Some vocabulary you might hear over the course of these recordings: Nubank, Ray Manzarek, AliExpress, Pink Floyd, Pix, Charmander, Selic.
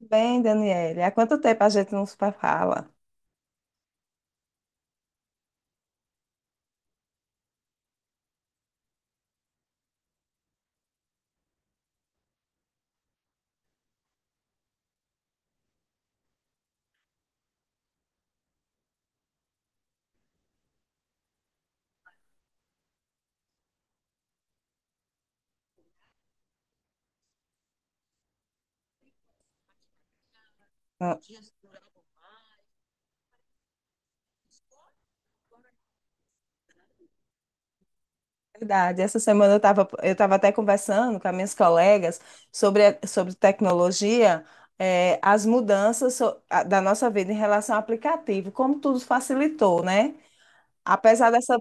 Bem, Daniele, há quanto tempo a gente não se fala? Ah, Verdade, essa semana eu tava até conversando com as minhas colegas sobre, sobre tecnologia, as mudanças da nossa vida em relação ao aplicativo, como tudo facilitou, né? Apesar dessa,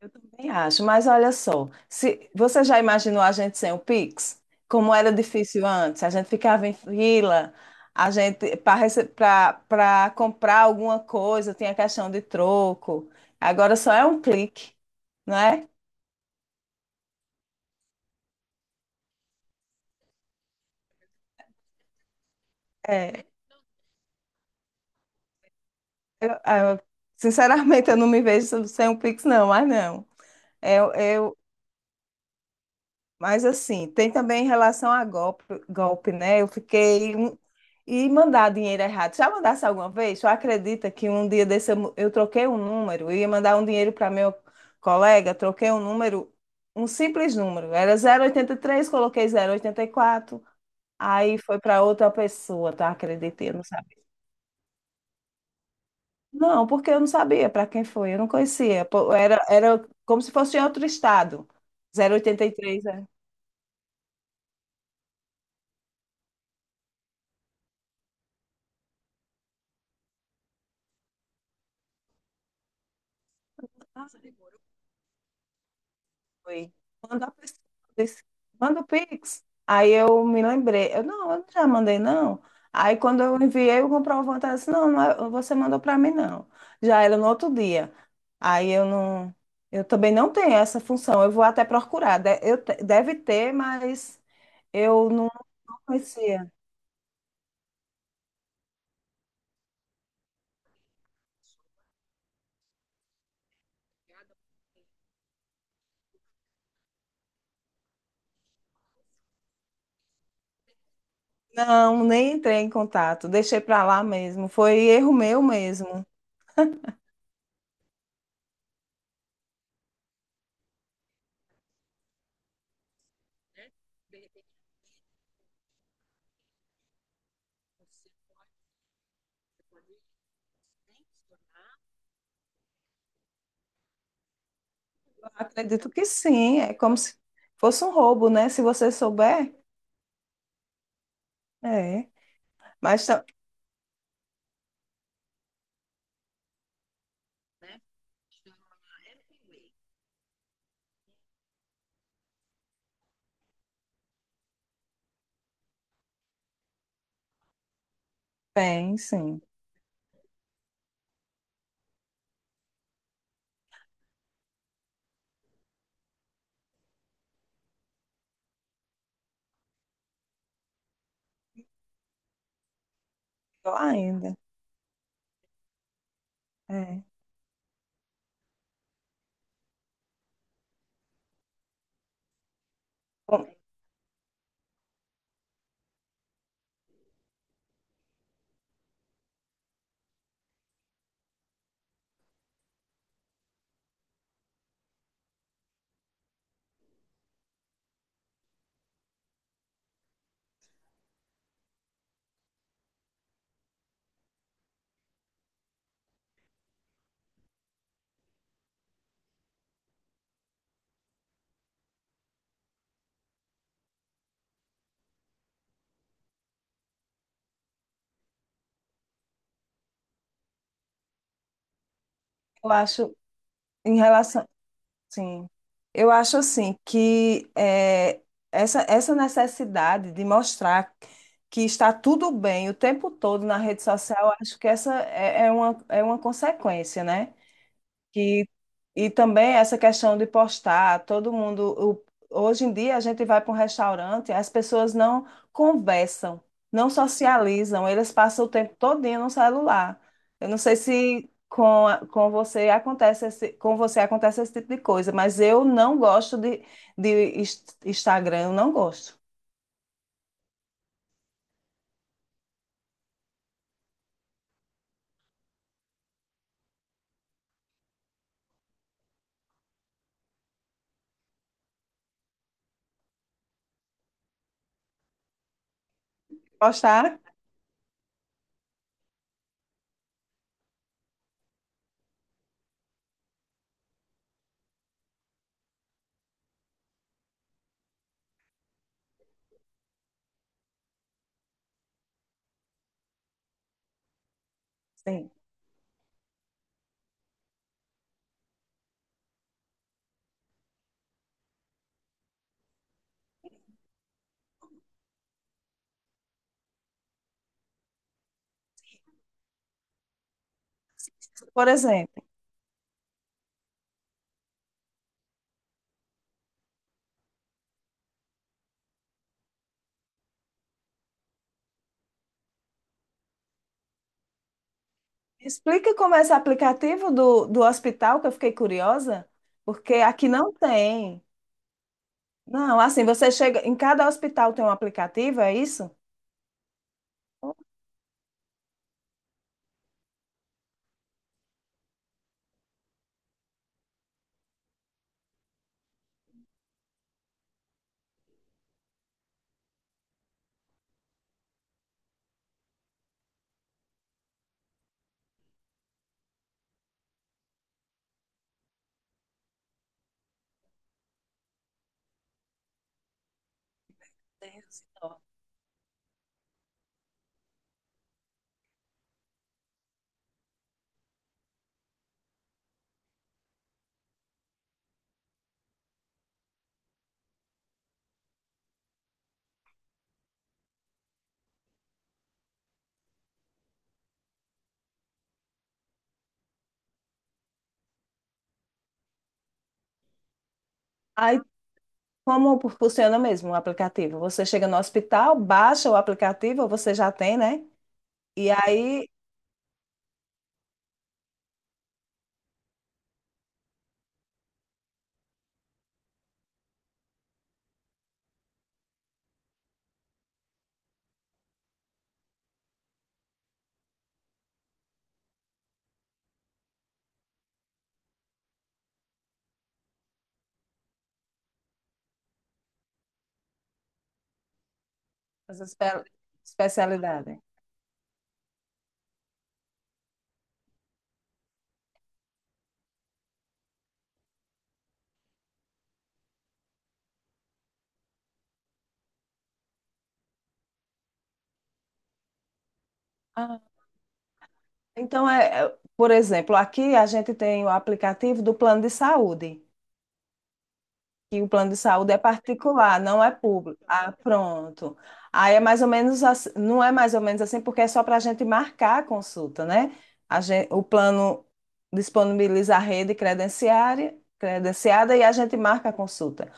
eu também acho, mas olha só, se você já imaginou a gente sem o Pix? Como era difícil antes, a gente ficava em fila, a gente para comprar alguma coisa, tinha questão de troco. Agora só é um clique, não é? É, eu- eu- sinceramente, eu não me vejo sem o Pix, não, mas não. Eu eu, Mas assim, tem também em relação a golpe, golpe, né? E mandar dinheiro errado. Já mandasse alguma vez? Tu acredita que um dia desse eu troquei um número, eu ia mandar um dinheiro para meu colega, troquei um número, um simples número. Era zero oito três coloquei zero oito quatro, aí foi para outra pessoa, tá acredita? Eu não sabia. Não, porque eu não sabia para quem foi, eu não conhecia. Pô, era, era como se fosse em outro estado. 083, é. Foi. Quando a pessoa disse, manda o Pix. Aí eu me lembrei, eu não já mandei não. Aí quando eu enviei o comprovante, ela disse, não, você mandou para mim não. Já era no outro dia. Aí eu não, eu também não tenho essa função. Eu vou até procurar. Deve ter, mas eu não conhecia. Não, nem entrei em contato. Deixei para lá mesmo. Foi erro meu mesmo. Acredito que sim. É como se fosse um roubo, né? Se você souber. É. Mas também, sim, pior ainda. É. Bom, eu acho, em relação, sim, eu acho assim que é, essa necessidade de mostrar que está tudo bem o tempo todo na rede social, eu acho que essa é, é uma consequência, né? Que e também essa questão de postar, todo mundo, hoje em dia a gente vai para um restaurante, as pessoas não conversam, não socializam, eles passam o tempo todinho no celular. Eu não sei se com, com você acontece esse, com você acontece esse tipo de coisa, mas eu não gosto de, Instagram, eu não gosto. Postar? Sim. Por exemplo, explica como é esse aplicativo do, do hospital, que eu fiquei curiosa, porque aqui não tem. Não, assim, você chega. Em cada hospital tem um aplicativo, é isso? Aí, como funciona mesmo o aplicativo? Você chega no hospital, baixa o aplicativo, você já tem, né? E aí, as espe- especialidades. Ah, então, é, é, por exemplo, aqui a gente tem o aplicativo do plano de saúde. Que o plano de saúde é particular, não é público. Ah, pronto. Aí é mais ou menos assim, não é mais ou menos assim, porque é só para a gente marcar a consulta, né? A gente, o plano disponibiliza a rede credenciária, credenciada e a gente marca a consulta.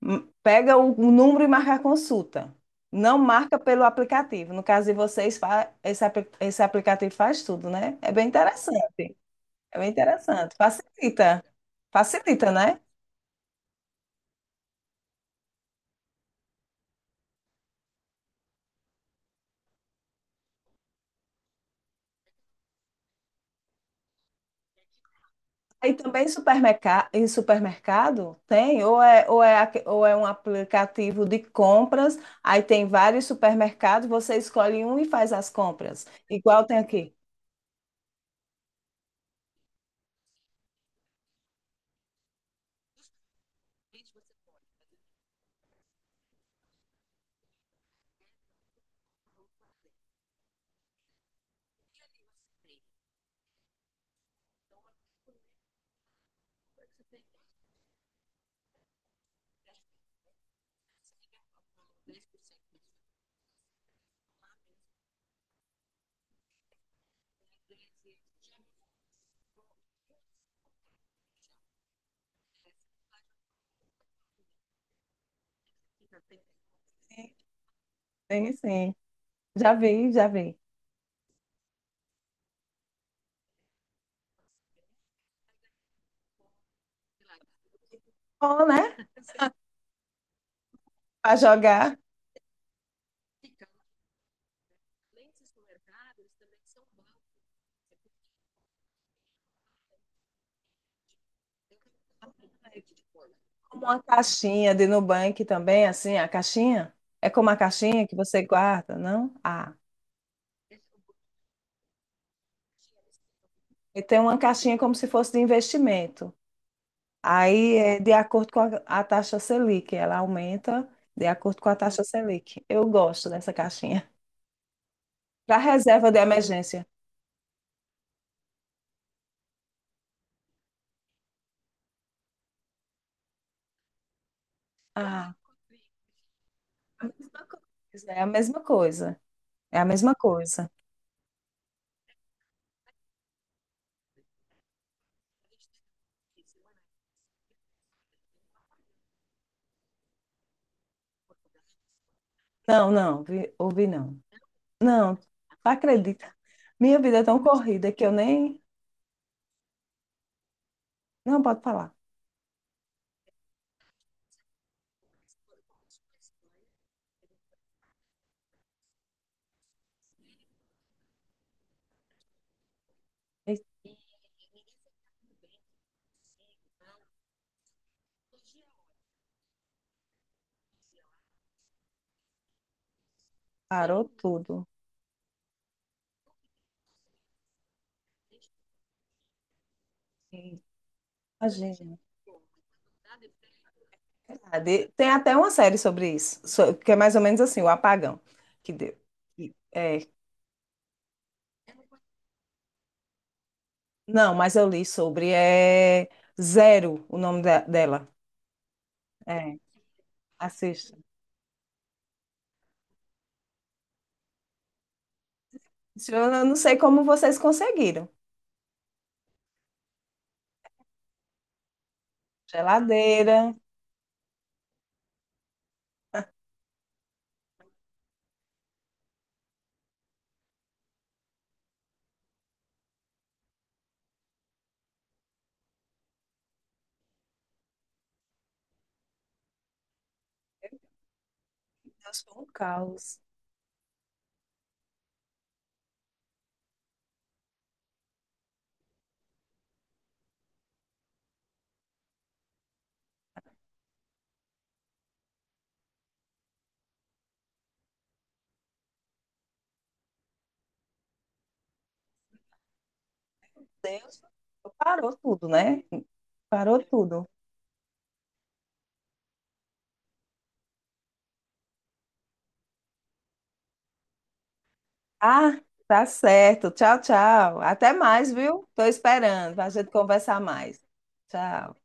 Pega o número e marca a consulta. Não marca pelo aplicativo. No caso de vocês, esse aplicativo faz tudo, né? É bem interessante. É bem interessante. Facilita. Facilita, né? Aí também em supermercado tem, ou é, ou é, ou é um aplicativo de compras, aí tem vários supermercados, você escolhe um e faz as compras. Igual tem aqui. Tem sim. Já vi, já vi. Bom, né? Para jogar. Como uma caixinha de Nubank também, assim, a caixinha? É como a caixinha que você guarda, não? Ah, e tem uma caixinha como se fosse de investimento. Aí é de acordo com a taxa Selic, ela aumenta de acordo com a taxa Selic. Eu gosto dessa caixinha. Para reserva de emergência. Ah, a mesma coisa, é a mesma coisa. É a mesma coisa. Não, não, ouvi não. Não, não acredita. Minha vida é tão corrida que eu nem. Não, pode falar. Eita, parou tudo. Imagina. É verdade. Tem até uma série sobre isso, que é mais ou menos assim, o apagão que deu. É, não, mas eu li sobre. É Zero o nome dela. É, assista. Eu não sei como vocês conseguiram. Geladeira. Meu Deus, foi um caos. Deus, parou tudo, né? Parou tudo. Ah, tá certo. Tchau, tchau. Até mais, viu? Tô esperando pra gente conversar mais. Tchau.